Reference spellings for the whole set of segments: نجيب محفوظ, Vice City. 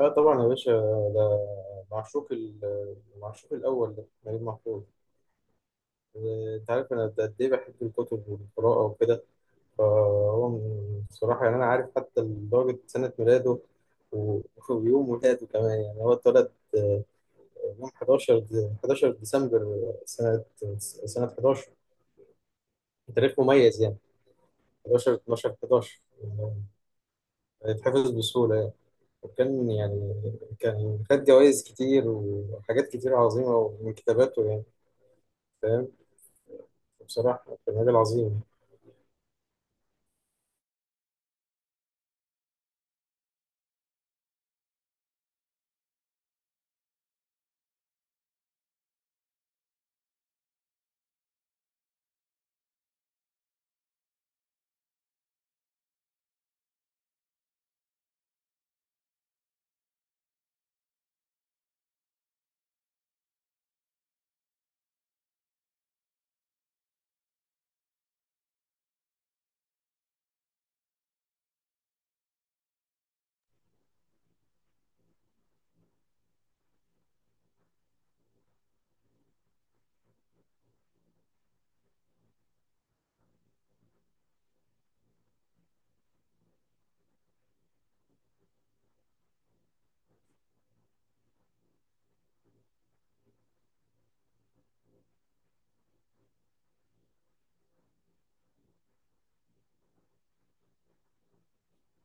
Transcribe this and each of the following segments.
لا طبعا يا باشا. ده المعشوق الأول ده نجيب محفوظ. أنت عارف أنا قد إيه بحب الكتب والقراءة وكده. بصراحة يعني أنا عارف حتى درجة سنة ميلاده و- ويوم ولاده كمان. يعني هو اتولد آه، يوم 11 11 ديسمبر سنة 11. تاريخ مميز يعني، 11 12 11 يعني يتحفظ بسهولة يعني. وكان يعني كان خد جوائز كتير وحاجات كتير عظيمة من كتاباته يعني. فاهم، بصراحة كان راجل عظيم.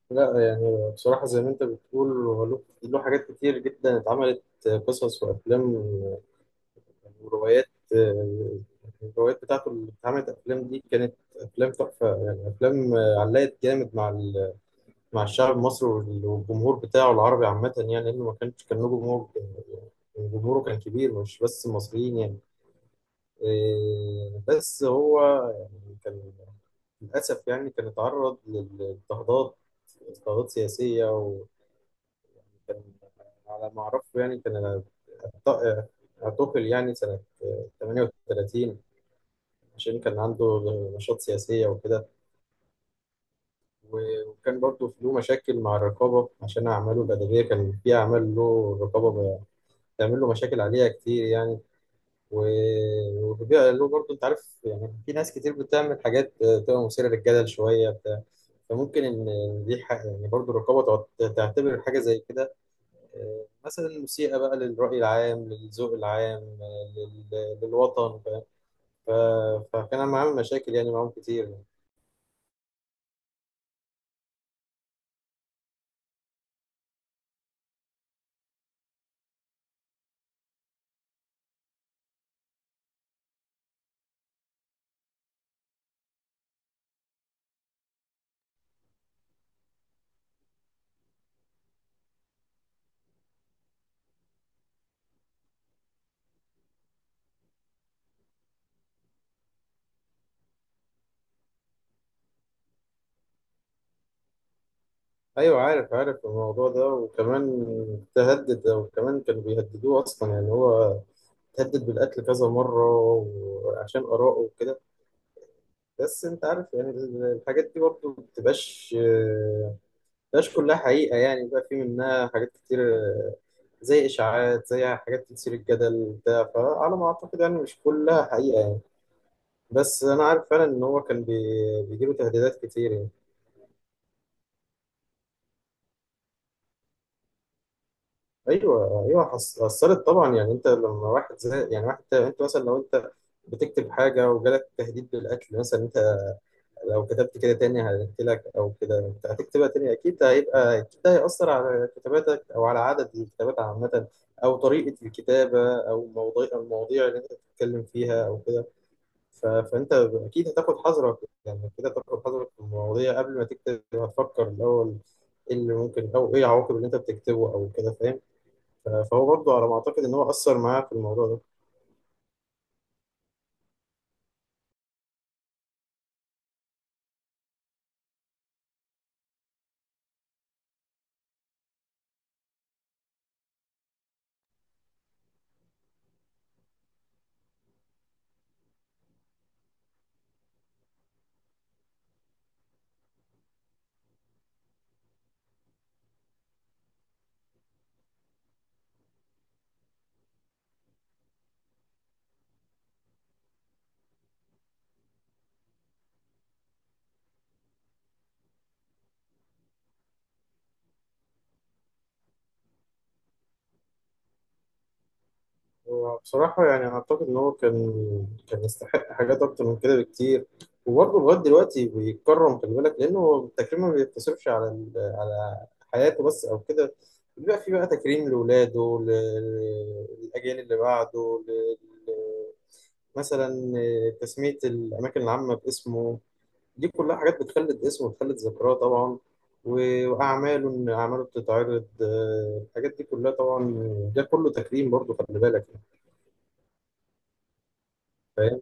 لا يعني بصراحة زي ما أنت بتقول هو له حاجات كتير جدا اتعملت قصص وأفلام وروايات. الروايات بتاعته اللي اتعملت أفلام دي كانت أفلام تحفة يعني، أفلام علقت جامد مع الشعب المصري والجمهور بتاعه العربي عامة، يعني لأنه ما كانش كان له جمهور. جمهوره كان كبير مش بس المصريين يعني. بس هو يعني كان للأسف يعني كان اتعرض للاضطهادات، اضطهادات سياسية. وكان على ما أعرفه يعني كان اعت- اعتقل يعني سنة 38 عشان كان عنده نشاط سياسية وكده. وكان برضه له مشاكل مع الرقابة عشان أعماله الأدبية، كان في أعمال له الرقابة بتعمل له مشاكل عليها كتير يعني. واللي بيعملوه برضه انت عارف يعني في ناس كتير بتعمل حاجات تبقى مثيرة للجدل شوية بتاع. فممكن إن يعني برضه الرقابة تعتبر حاجة زي كده مثلا مسيئة بقى للرأي العام، للذوق العام، للوطن. ف- فكان أنا عامل مشاكل يعني معاهم كتير يعني. ايوه عارف، عارف الموضوع ده. وكمان تهدد، وكمان كانوا بيهددوه اصلا يعني هو تهدد بالقتل كذا مرة وعشان آراءه وكده. بس انت عارف يعني الحاجات دي برضو ما بتبقاش، بتبقاش كلها حقيقة يعني. بقى في منها حاجات كتير زي إشاعات، زي حاجات تثير الجدل بتاع. فعلى ما أعتقد يعني مش كلها حقيقة يعني. بس أنا عارف فعلا إن هو كان بيجيله تهديدات كتير يعني. أيوه أيوه، أثرت طبعا. يعني أنت لما واحد زي يعني واحد، أنت مثلا لو أنت بتكتب حاجة وجالك تهديد بالقتل مثلا، أنت لو كتبت كده تاني هحكي لك او كده، انت هتكتبها تاني اكيد هيبقى، اكيد ده هيأثر على كتاباتك او على عدد الكتابات عامة، او طريقة الكتابة، او المواضيع اللي انت بتتكلم فيها او كده. فانت اكيد هتاخد حذرك، يعني كده تاخد حذرك في المواضيع. قبل ما تكتب هتفكر الاول ايه اللي ممكن، او ايه العواقب اللي انت بتكتبه او كده، فاهم. فهو برضه على ما اعتقد ان هو أثر معاه في الموضوع ده. هو بصراحة يعني أعتقد إن هو كان كان يستحق حاجات أكتر من كده بكتير. وبرضه لغاية دلوقتي بيتكرم، خلي بالك، لأنه التكريم ما بيقتصرش على حياته بس أو كده. بيبقى في بقى تكريم لولاده، للأجيال اللي بعده، ل- مثلا تسمية الأماكن العامة باسمه. دي كلها حاجات بتخلد اسمه، بتخلد ذكراه طبعا. وأعماله، إن أعماله بتتعرض، الحاجات دي كلها طبعا ده كله تكريم برضه، خلي بالك. فاهم.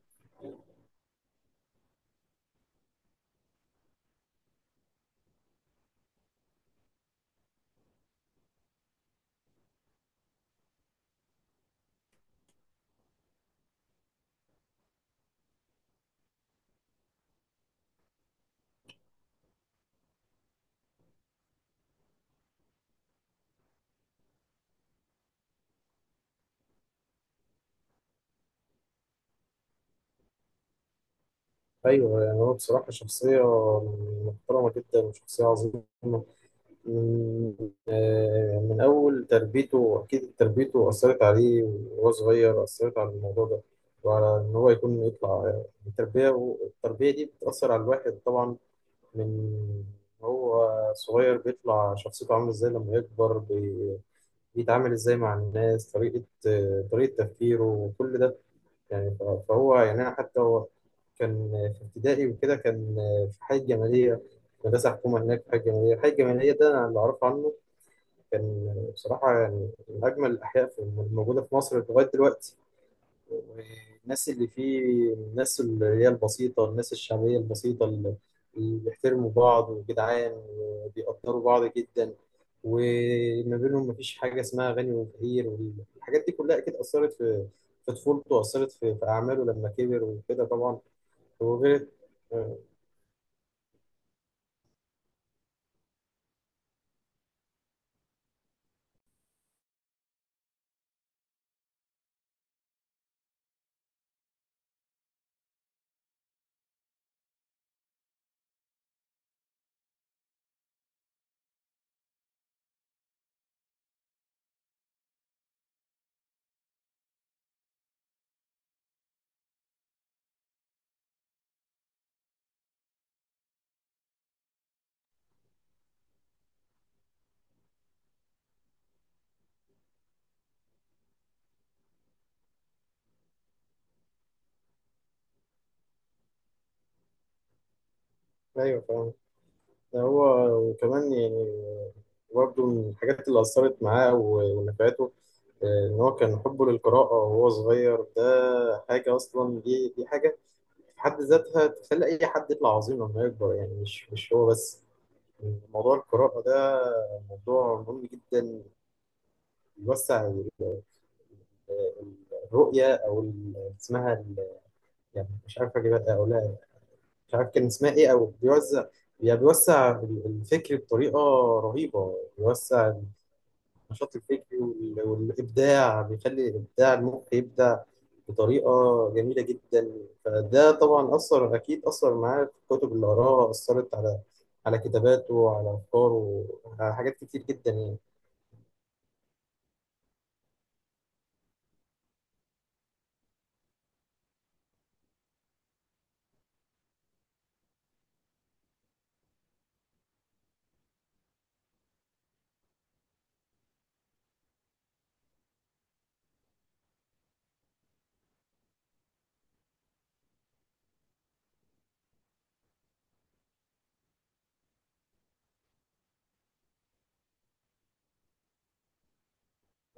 ايوه يعني هو بصراحه شخصيه محترمه جدا وشخصيه عظيمه. من من اول تربيته. اكيد تربيته اثرت عليه وهو صغير، اثرت على الموضوع ده وعلى ان هو يكون يطلع. التربيه، والتربيه دي بتاثر على الواحد طبعا، من هو صغير بيطلع شخصيته عامله ازاي لما يكبر، بيتعامل ازاي مع الناس، طريقه طريقه تفكيره وكل ده يعني. فهو يعني أنا حتى هو كان في ابتدائي وكده، كان في حي الجمالية، مدرسة حكومة هناك في حي الجمالية. الحي الجمالية ده أنا اللي أعرف عنه كان بصراحة يعني من أجمل الأحياء الموجودة في مصر لغاية دلوقتي. والناس اللي فيه، الناس اللي هي البسيطة، الناس الشعبية البسيطة اللي بيحترموا بعض وجدعان وبيقدروا بعض جدا. وما بينهم مفيش حاجة اسمها غني وفقير، والحاجات دي كلها أكيد أثرت في في طفولته، وأثرت في أعماله لما كبر وكده طبعا. وغير آه، أيوه فاهم. ده هو وكمان يعني برضه من الحاجات اللي أثرت معاه ونفعته، إن هو كان حبه للقراءة وهو صغير ده. حاجة أصلا، دي حاجة في حد ذاتها تخلي أي حد يطلع عظيم لما يكبر يعني. مش هو بس، موضوع القراءة ده موضوع مهم جدا، بيوسع الرؤية، أو يعني مش عارف أجيب أقولها، مش عارف كان اسمها إيه، أو بيوزع، يعني بيوسع الفكر بطريقة رهيبة. بيوسع النشاط الفكري والإبداع، بيخلي إبداع المخ يبدع بطريقة جميلة جدا. فده طبعا أثر، أكيد أثر معاه في الكتب اللي قراها أثرت على على كتاباته وعلى أفكاره، على حاجات كتير جدا يعني.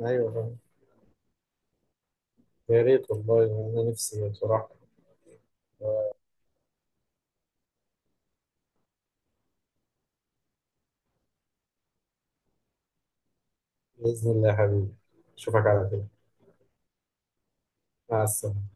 أيوه فاهم. يا ريت والله، أنا نفسي بصراحة. بإذن الله يا حبيبي، أشوفك على خير. مع السلامة.